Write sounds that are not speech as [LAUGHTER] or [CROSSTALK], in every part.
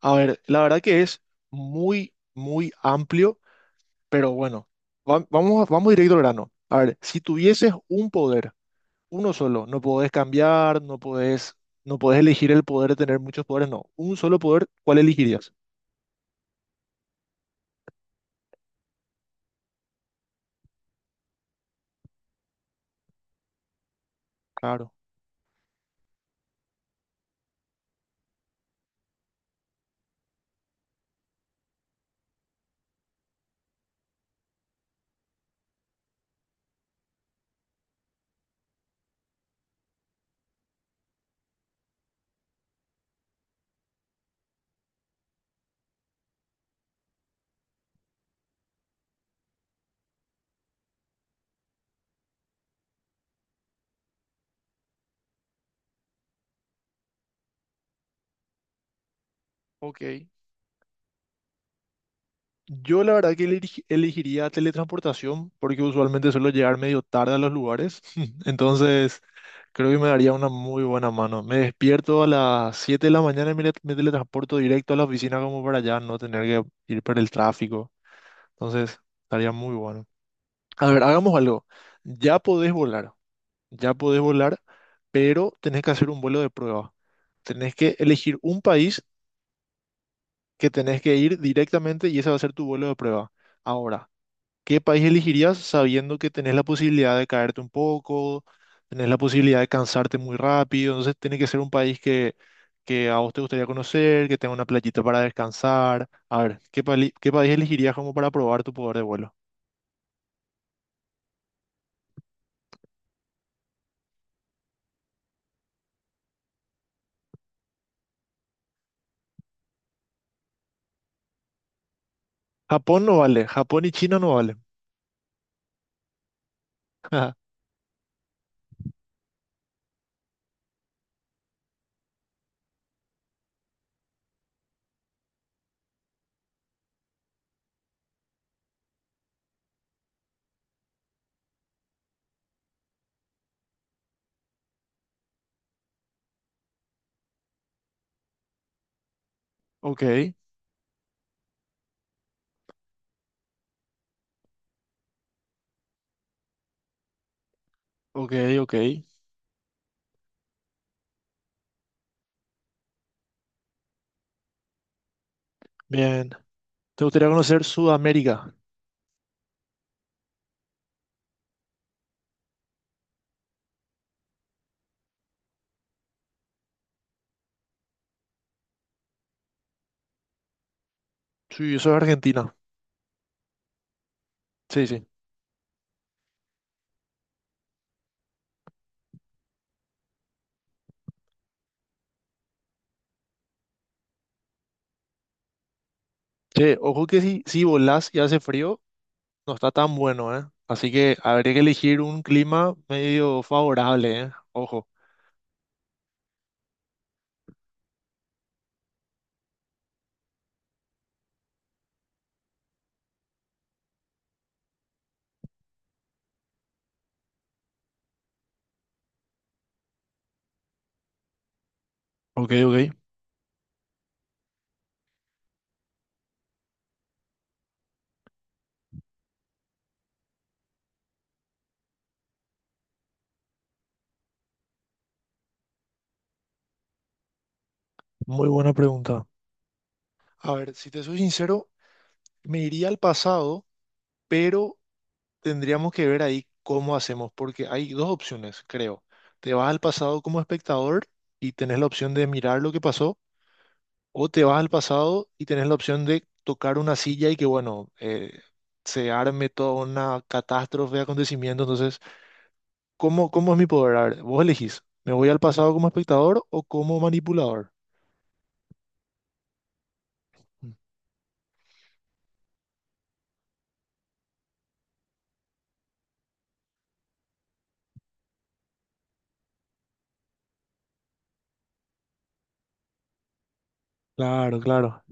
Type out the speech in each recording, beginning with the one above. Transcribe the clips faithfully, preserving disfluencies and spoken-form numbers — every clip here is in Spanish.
A ver, la verdad que es muy, muy amplio, pero bueno, va- vamos, a- vamos directo al grano. A ver, si tuvieses un poder, uno solo, no podés cambiar, no podés, no podés elegir el poder de tener muchos poderes, no. Un solo poder, ¿cuál elegirías? Claro. Ok. Yo la verdad que eligi- elegiría teletransportación porque usualmente suelo llegar medio tarde a los lugares. [LAUGHS] Entonces, creo que me daría una muy buena mano. Me despierto a las siete de la mañana y me, le- me teletransporto directo a la oficina como para allá no tener que ir por el tráfico. Entonces, estaría muy bueno. A ver, hagamos algo. Ya podés volar, ya podés volar, pero tenés que hacer un vuelo de prueba. Tenés que elegir un país que tenés que ir directamente y ese va a ser tu vuelo de prueba. Ahora. ¿Qué país elegirías sabiendo que tenés la posibilidad de caerte un poco, tenés la posibilidad de cansarte muy rápido? Entonces tiene que ser un país que, que a vos te gustaría conocer, que tenga una playita para descansar. A ver, ¿qué, pali- qué país elegirías como para probar tu poder de vuelo? Japón no vale, Japón y China no valen. [LAUGHS] Ok, ok, ok. Bien. ¿Te gustaría conocer Sudamérica? Sí, eso es Argentina. Sí, sí. Che, ojo que si, si volás y hace frío. No está tan bueno, ¿eh? Así que habría que elegir un clima medio favorable, ¿eh? Ojo. Ok, ok. Muy buena pregunta. A ver, si te soy sincero, me iría al pasado, pero tendríamos que ver ahí cómo hacemos, porque hay dos opciones, creo. Te vas al pasado como espectador y tenés la opción de mirar lo que pasó, o te vas al pasado y tenés la opción de tocar una silla y que, bueno, eh, se arme toda una catástrofe de acontecimientos, entonces... ¿Cómo, cómo es mi poder? A ver, vos elegís, ¿me voy al pasado como espectador o como manipulador? Mm. Claro, claro.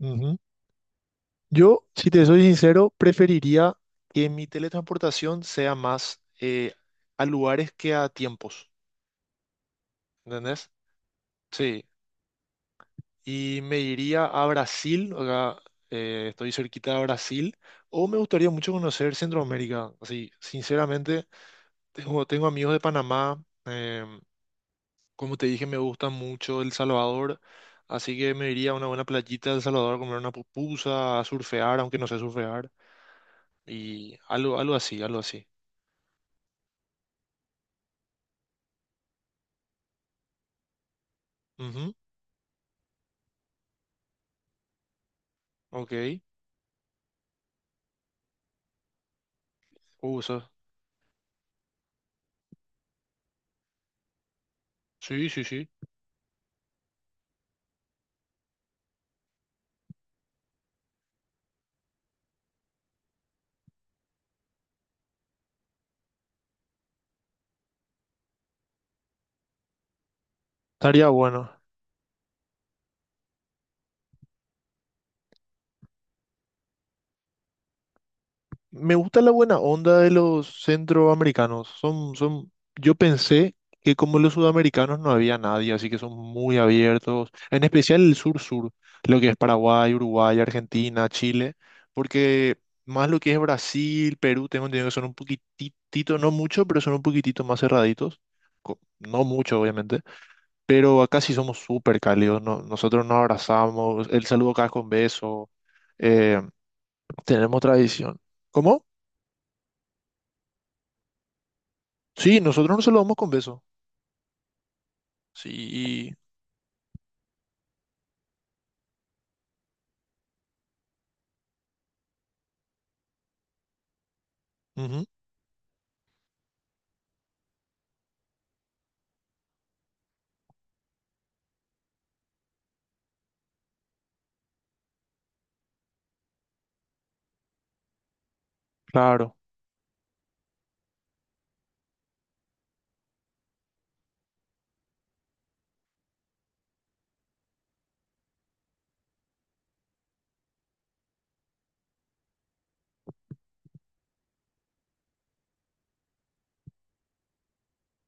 Ujú. Yo, si te soy sincero, preferiría que mi teletransportación sea más eh, a lugares que a tiempos, ¿entendés? Sí, y me iría a Brasil, acá eh, estoy cerquita de Brasil, o me gustaría mucho conocer Centroamérica, así, sinceramente, tengo, tengo amigos de Panamá, em, como te dije, me gusta mucho El Salvador, así que me iría a una buena playita de El Salvador a comer una pupusa, a surfear, aunque no sé surfear, y algo, algo así, algo así. Ujú, ok. Uh, eso- sí, sí, sí. Estaría bueno. Me gusta la buena onda de los centroamericanos. Son, son, yo pensé que como los sudamericanos no había nadie, así que son muy abiertos, en especial el sur-sur, lo que es Paraguay, Uruguay, Argentina, Chile, porque más lo que es Brasil, Perú, tengo entendido que son un poquitito, no mucho, pero son un poquitito más cerraditos. co- No mucho, obviamente, pero acá sí somos súper cálidos. No- nosotros nos abrazamos, el saludo acá es con beso, eh, tenemos tradición. ¿Cómo? Sí, nosotros nos saludamos con beso. Sí, ujú, claro.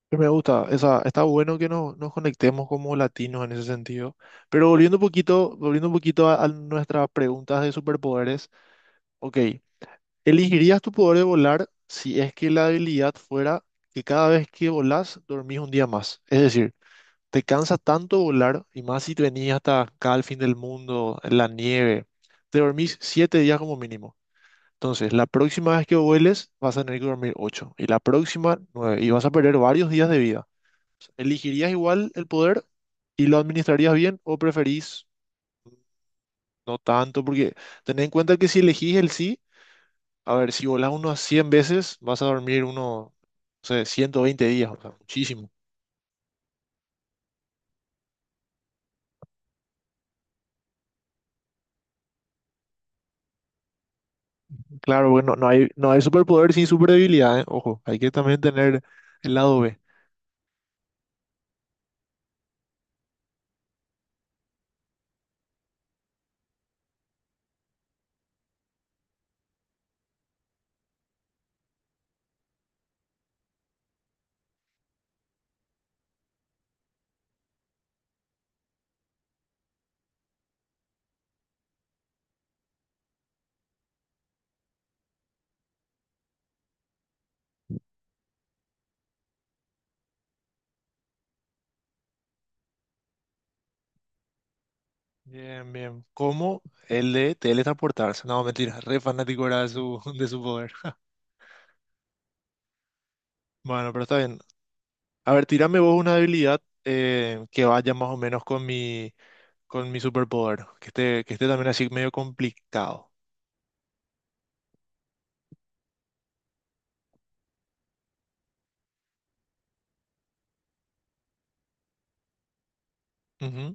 Pero me gusta, esa, está bueno que nos, nos conectemos como latinos en ese sentido. Pero volviendo un poquito, volviendo un poquito a, a nuestras preguntas de superpoderes, ok, ¿elegirías tu poder de volar si es que la habilidad fuera que cada vez que volás dormís un día más? Es decir, te cansa tanto volar y más si te venís hasta acá al fin del mundo, en la nieve, te dormís siete días como mínimo. Entonces, la próxima vez que vueles, vas a tener que dormir ocho y la próxima nueve y vas a perder varios días de vida. ¿Elegirías igual el poder y lo administrarías bien o preferís no tanto? Porque ten en cuenta que si elegís el sí, a ver, si volás unos cien veces, vas a dormir unos, no sé, ciento veinte días, o sea, muchísimo. Claro, bueno, no hay, no hay superpoder sin superdebilidad, ¿eh? Ojo, hay que también tener el lado B. Bien, bien. Como el de teletransportarse. No, mentira, re fanático era de su, [LAUGHS] de su poder. Bueno, pero está bien. A ver, tírame vos una habilidad eh, que vaya más o menos con mi, con mi superpoder. Que esté, que esté también así medio complicado. Ujú.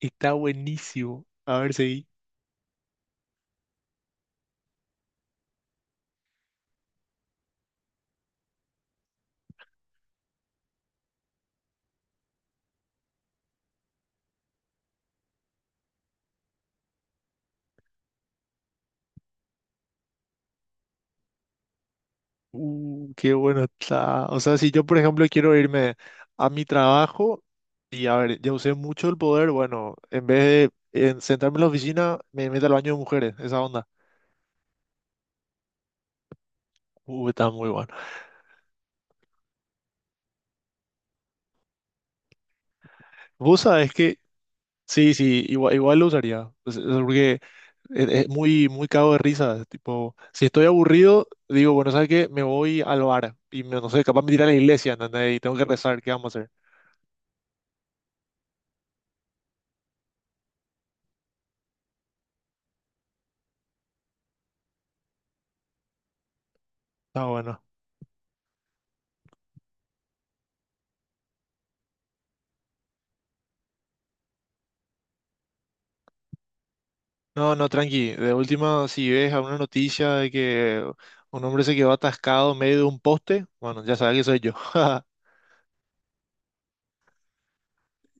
Está buenísimo. A ver, seguí. Uh, qué bueno está. O sea, si yo, por ejemplo, quiero irme a mi trabajo y, a ver, ya usé mucho el poder, bueno, en vez de en sentarme en la oficina, me meto al baño de mujeres, esa onda. Uh, está muy bueno. Vos sabés que, sí, sí, igual, igual lo usaría. O sea, porque Es es muy, muy cago de risa. Tipo, si estoy aburrido, digo, bueno, ¿sabes qué? Me voy al bar y me- no sé, capaz me tiré a la iglesia, ¿entendés? Y tengo que rezar, ¿qué vamos a hacer? Está bueno. No, no, tranqui. De última, si ves alguna noticia de que un hombre se quedó atascado en medio de un poste, bueno, ya sabes que soy yo. [LAUGHS]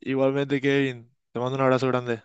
Igualmente, Kevin, te mando un abrazo grande.